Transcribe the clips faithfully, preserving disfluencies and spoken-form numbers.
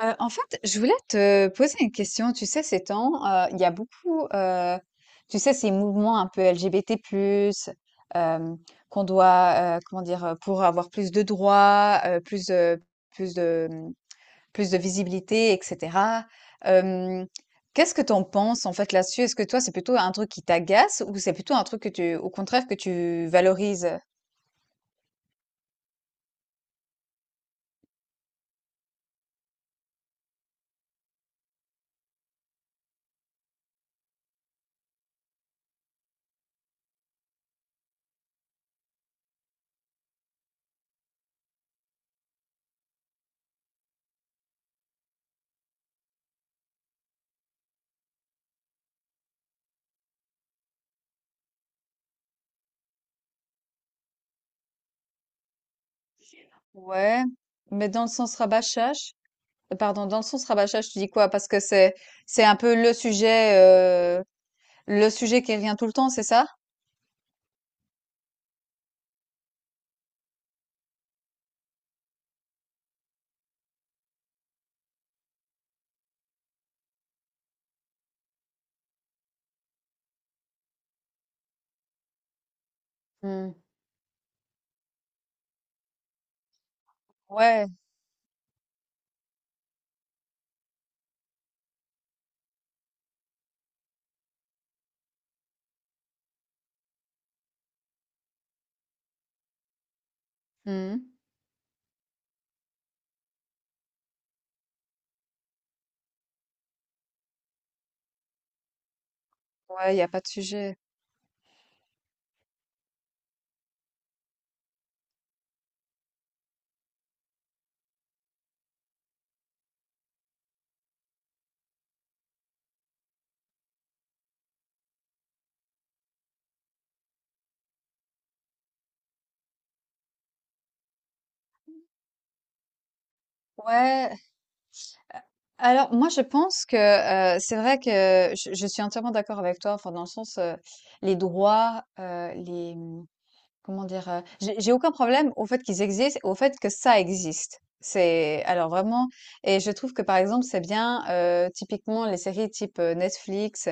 Heu, en fait, je voulais te poser une question. Tu sais, ces temps, heu, il y a beaucoup, heu, tu sais, ces mouvements un peu L G B T plus, hem, qu'on doit, heu, comment dire? Heu, pour avoir plus de droits, heu, plus, heu, plus de, mmh, plus de visibilité et cetera. Hem, Qu'est-ce que tu en penses, en fait, là-dessus? Est-ce que toi, c'est plutôt un truc qui t'agace ou c'est plutôt un truc que tu, au contraire, que tu valorises? Ouais, mais dans le sens rabâchage, euh, pardon, dans le sens rabâchage, tu dis quoi? Parce que c'est c'est un peu le sujet euh, le sujet qui revient tout le temps, c'est ça? Mmh. Ouais. Mmh. Ouais, il y a pas de sujet. Ouais. Alors moi je pense que, heu, c'est vrai que je je suis entièrement d'accord avec toi, enfin dans le sens, heu, les droits, heu, les, mmh comment dire? Heu, j'ai j'ai aucun problème au fait qu'ils existent, au fait que ça existe. C'est alors vraiment Et je trouve que, par exemple, c'est bien, heu, typiquement les séries type, heu, Netflix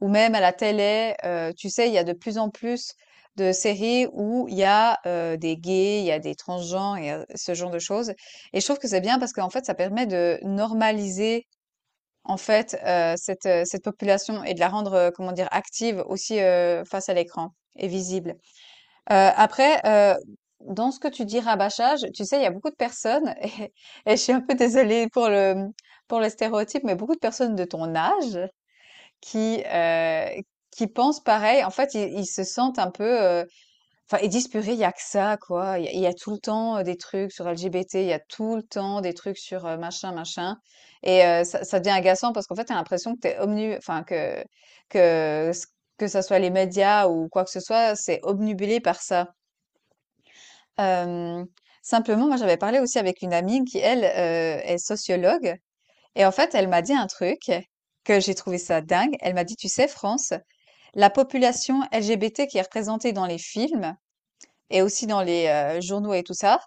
ou même à la télé, heu, tu sais, il y a de plus en plus de séries où il y a, heu, des gays, il y a des transgenres et heu, ce genre de choses, et je trouve que c'est bien parce qu'en fait, ça permet de normaliser, en fait, heu, cette, heu, cette population et de la rendre, heu, comment dire? Active aussi, heu, face à l'écran et visible. Heu, après, heu, dans ce que tu dis rabâchage, tu sais, il y a beaucoup de personnes et et je suis un peu désolée pour le, mmh, pour le stéréotype, mais beaucoup de personnes de ton âge qui, heu, qui pensent pareil. En fait, ils ils se sentent un peu, heu, enfin, ils disent: «Purée, il y a que ça, quoi. Il y a il y a tout le temps, heu, des trucs sur l' LGBT, il y a tout le temps des trucs sur, heu, machin, machin». Et heu, ça ça devient agaçant parce qu'en fait, t'as l'impression que t'es es omnu enfin, que que que ça soit les médias ou quoi que ce soit, c'est obnubilé par ça. Hem, Simplement, moi, j'avais parlé aussi avec une amie qui, elle, heu, est sociologue, et en fait, elle m'a dit un truc que j'ai trouvé ça dingue. Elle m'a dit: «Tu sais, France, la population L G B T qui est représentée dans les films et aussi dans les, heu, journaux et tout ça,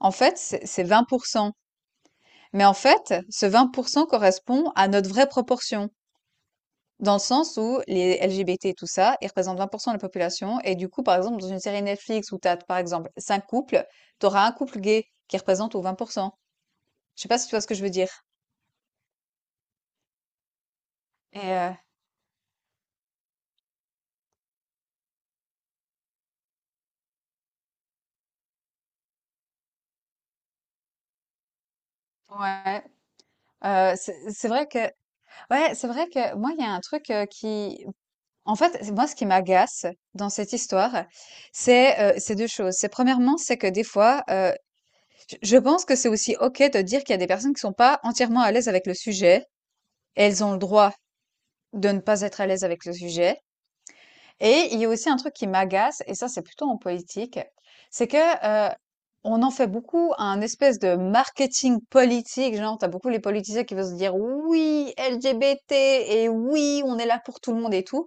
en fait, c'est c'est vingt. Mais en fait, ce vingt correspond à notre vraie proportion, dans le sens où les L G B T et tout ça, ils représentent vingt de la population, et du coup, par exemple, dans une série Netflix où tu as, par exemple, cinq couples, tu auras un couple gay qui représente aux vingt pour cent». Je sais pas si tu vois ce que je veux dire. Et euh, ouais. Euh, c'est c'est vrai que, ouais, c'est vrai que moi il y a un truc euh, qui, en fait, moi ce qui m'agace dans cette histoire, c'est euh, c'est deux choses. C'est premièrement, c'est que des fois euh, je je pense que c'est aussi OK de dire qu'il y a des personnes qui sont pas entièrement à l'aise avec le sujet et elles ont le droit de ne pas être à l'aise avec le sujet. Et il y a aussi un truc qui m'agace, et ça, c'est plutôt en politique, c'est que euh, on en fait beaucoup un espèce de marketing politique. Genre, t'as beaucoup les politiciens qui vont se dire oui, L G B T, et oui, on est là pour tout le monde et tout.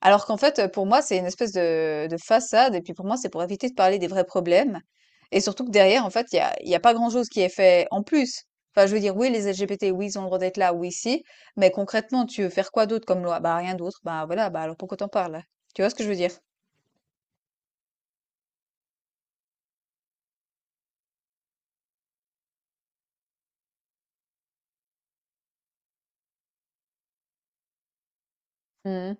Alors qu'en fait, heu, pour moi, c'est une espèce de de façade, et puis pour moi, c'est pour éviter de parler des vrais problèmes, et surtout que derrière, en fait, il y a il y a pas grand chose qui est fait en plus. Enfin, je veux dire, oui, les L G B T, oui, ils ont le droit d'être là, oui, si, mais concrètement, tu veux faire quoi d'autre comme loi? Bah, rien d'autre. Bah, voilà, bah, alors pourquoi t'en parles? Tu vois ce que je veux dire? Mmh.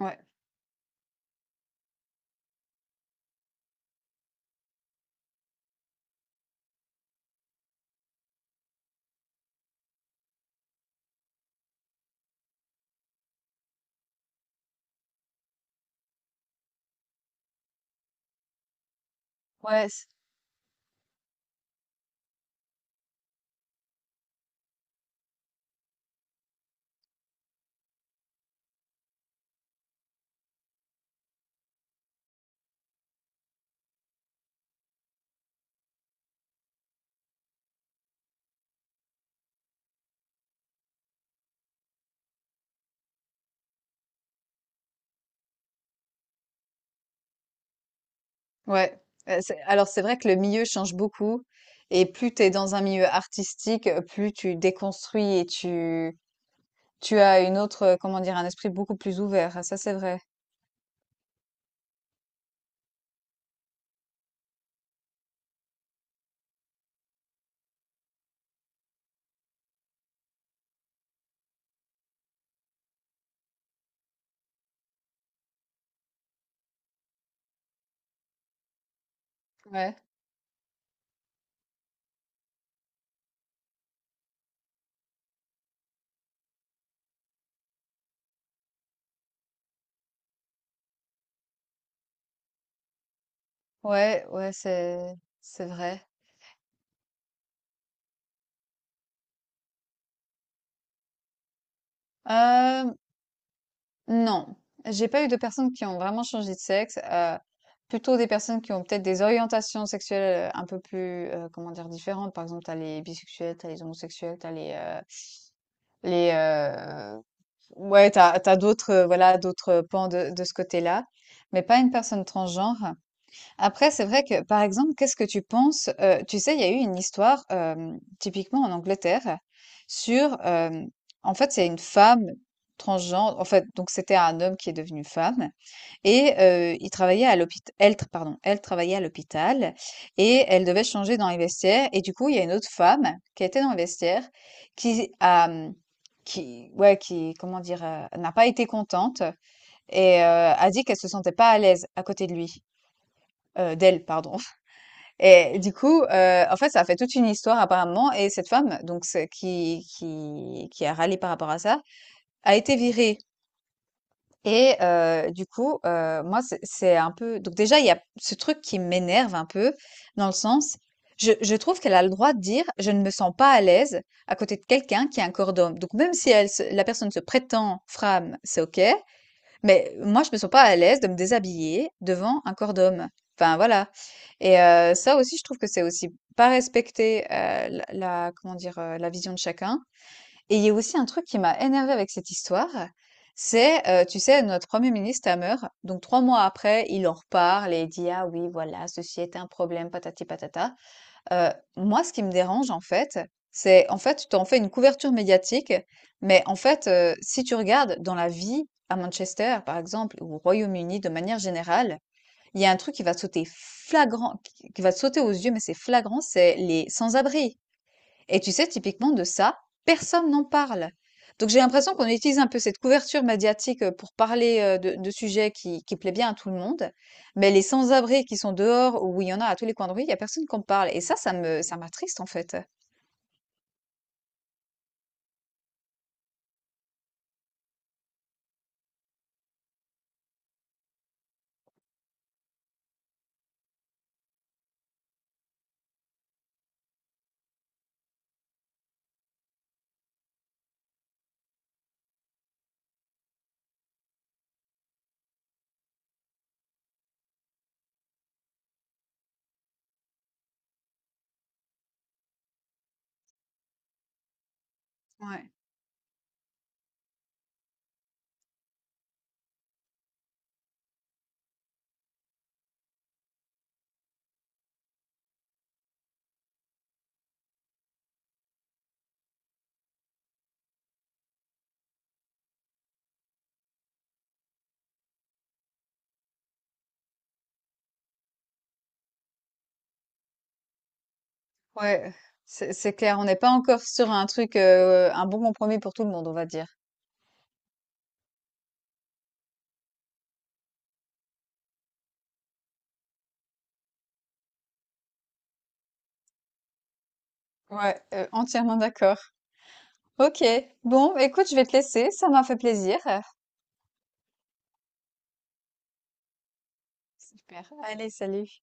Ouais. Ouais, c ouais, heu, c'est alors c'est vrai que le milieu change beaucoup, et plus tu es dans un milieu artistique, heu, plus tu déconstruis et tu tu as une autre, heu, comment dire? Un esprit beaucoup plus ouvert, ça, c'est vrai. Ouais, ouais, ouais, c'est c'est vrai. Euh, non, j'ai pas eu de personnes qui ont vraiment changé de sexe. Euh, plutôt des personnes qui ont peut-être des orientations sexuelles euh, un peu plus, euh, comment dire, différentes. Par exemple, t'as les bisexuels, t'as les homosexuels, t'as les euh, les euh, ouais, t'as t'as d'autres euh, voilà, d'autres pans de de ce côté-là, mais pas une personne transgenre. Après, c'est vrai que, par exemple, qu'est-ce que tu penses? Heu, tu sais, il y a eu une histoire, hem, typiquement en Angleterre sur, hem, en fait, c'est une femme transgenre, en fait, donc c'était un homme qui est devenu femme, et heu, il travaillait à l'hôpital, elle tr pardon, elle travaillait à l'hôpital, et elle devait changer dans les vestiaires, et du coup, il y a une autre femme qui était dans les vestiaires qui a, mmh, qui ouais, qui, comment dire, Heu, n'a pas été contente et heu, a dit qu'elle se sentait pas à l'aise à côté de lui, heu, d'elle, pardon. Et du coup, heu, en fait, ça a fait toute une histoire apparemment, et cette femme donc c'est qui qui qui a râlé par rapport à ça, a été virée. Et heu, du coup, heu, moi c'est c'est un peu donc déjà il y a ce truc qui m'énerve un peu dans le sens, je je trouve qu'elle a le droit de dire: «Je ne me sens pas à l'aise à côté de quelqu'un qui a un corps d'homme». Donc même si elle se la personne se prétend femme, c'est OK. Mais moi, je me sens pas à l'aise de me déshabiller devant un corps d'homme. Enfin, voilà. Et euh, ça aussi, je trouve que c'est aussi pas respecter euh, la, la- comment dire, euh, la vision de chacun. Et il y a aussi un truc qui m'a énervée avec cette histoire, c'est, euh, tu sais, notre premier ministre Hammer, donc trois mois après, il en reparle et il dit, ah oui, voilà, ceci est un problème, patati patata. Heu, moi, ce qui me dérange, en fait, c'est en fait, tu t'en fais une couverture médiatique, mais en fait, heu, si tu regardes dans la vie à Manchester, par exemple, ou au Royaume-Uni de manière générale, il y a un truc qui va te sauter flagrant qui qui va te sauter aux yeux, mais c'est flagrant, c'est les sans-abri. Et tu sais, typiquement de ça, personne n'en parle. Donc j'ai l'impression qu'on utilise un peu cette couverture médiatique euh, pour parler euh, de, de sujets qui, qui plaît bien à tout le monde, mais les sans-abri qui sont dehors, où il y en a à tous les coins de rue, il n'y a personne qui en parle. Et ça, ça me, ça m'attriste en fait. Ouais, ouais, c'est c'est clair. On n'est pas encore sur un truc, euh, un bon compromis pour tout le monde, on va dire. Ouais, euh, entièrement d'accord. Ok. Bon, écoute, je vais te laisser. Ça m'a fait plaisir. Super. Allez, salut.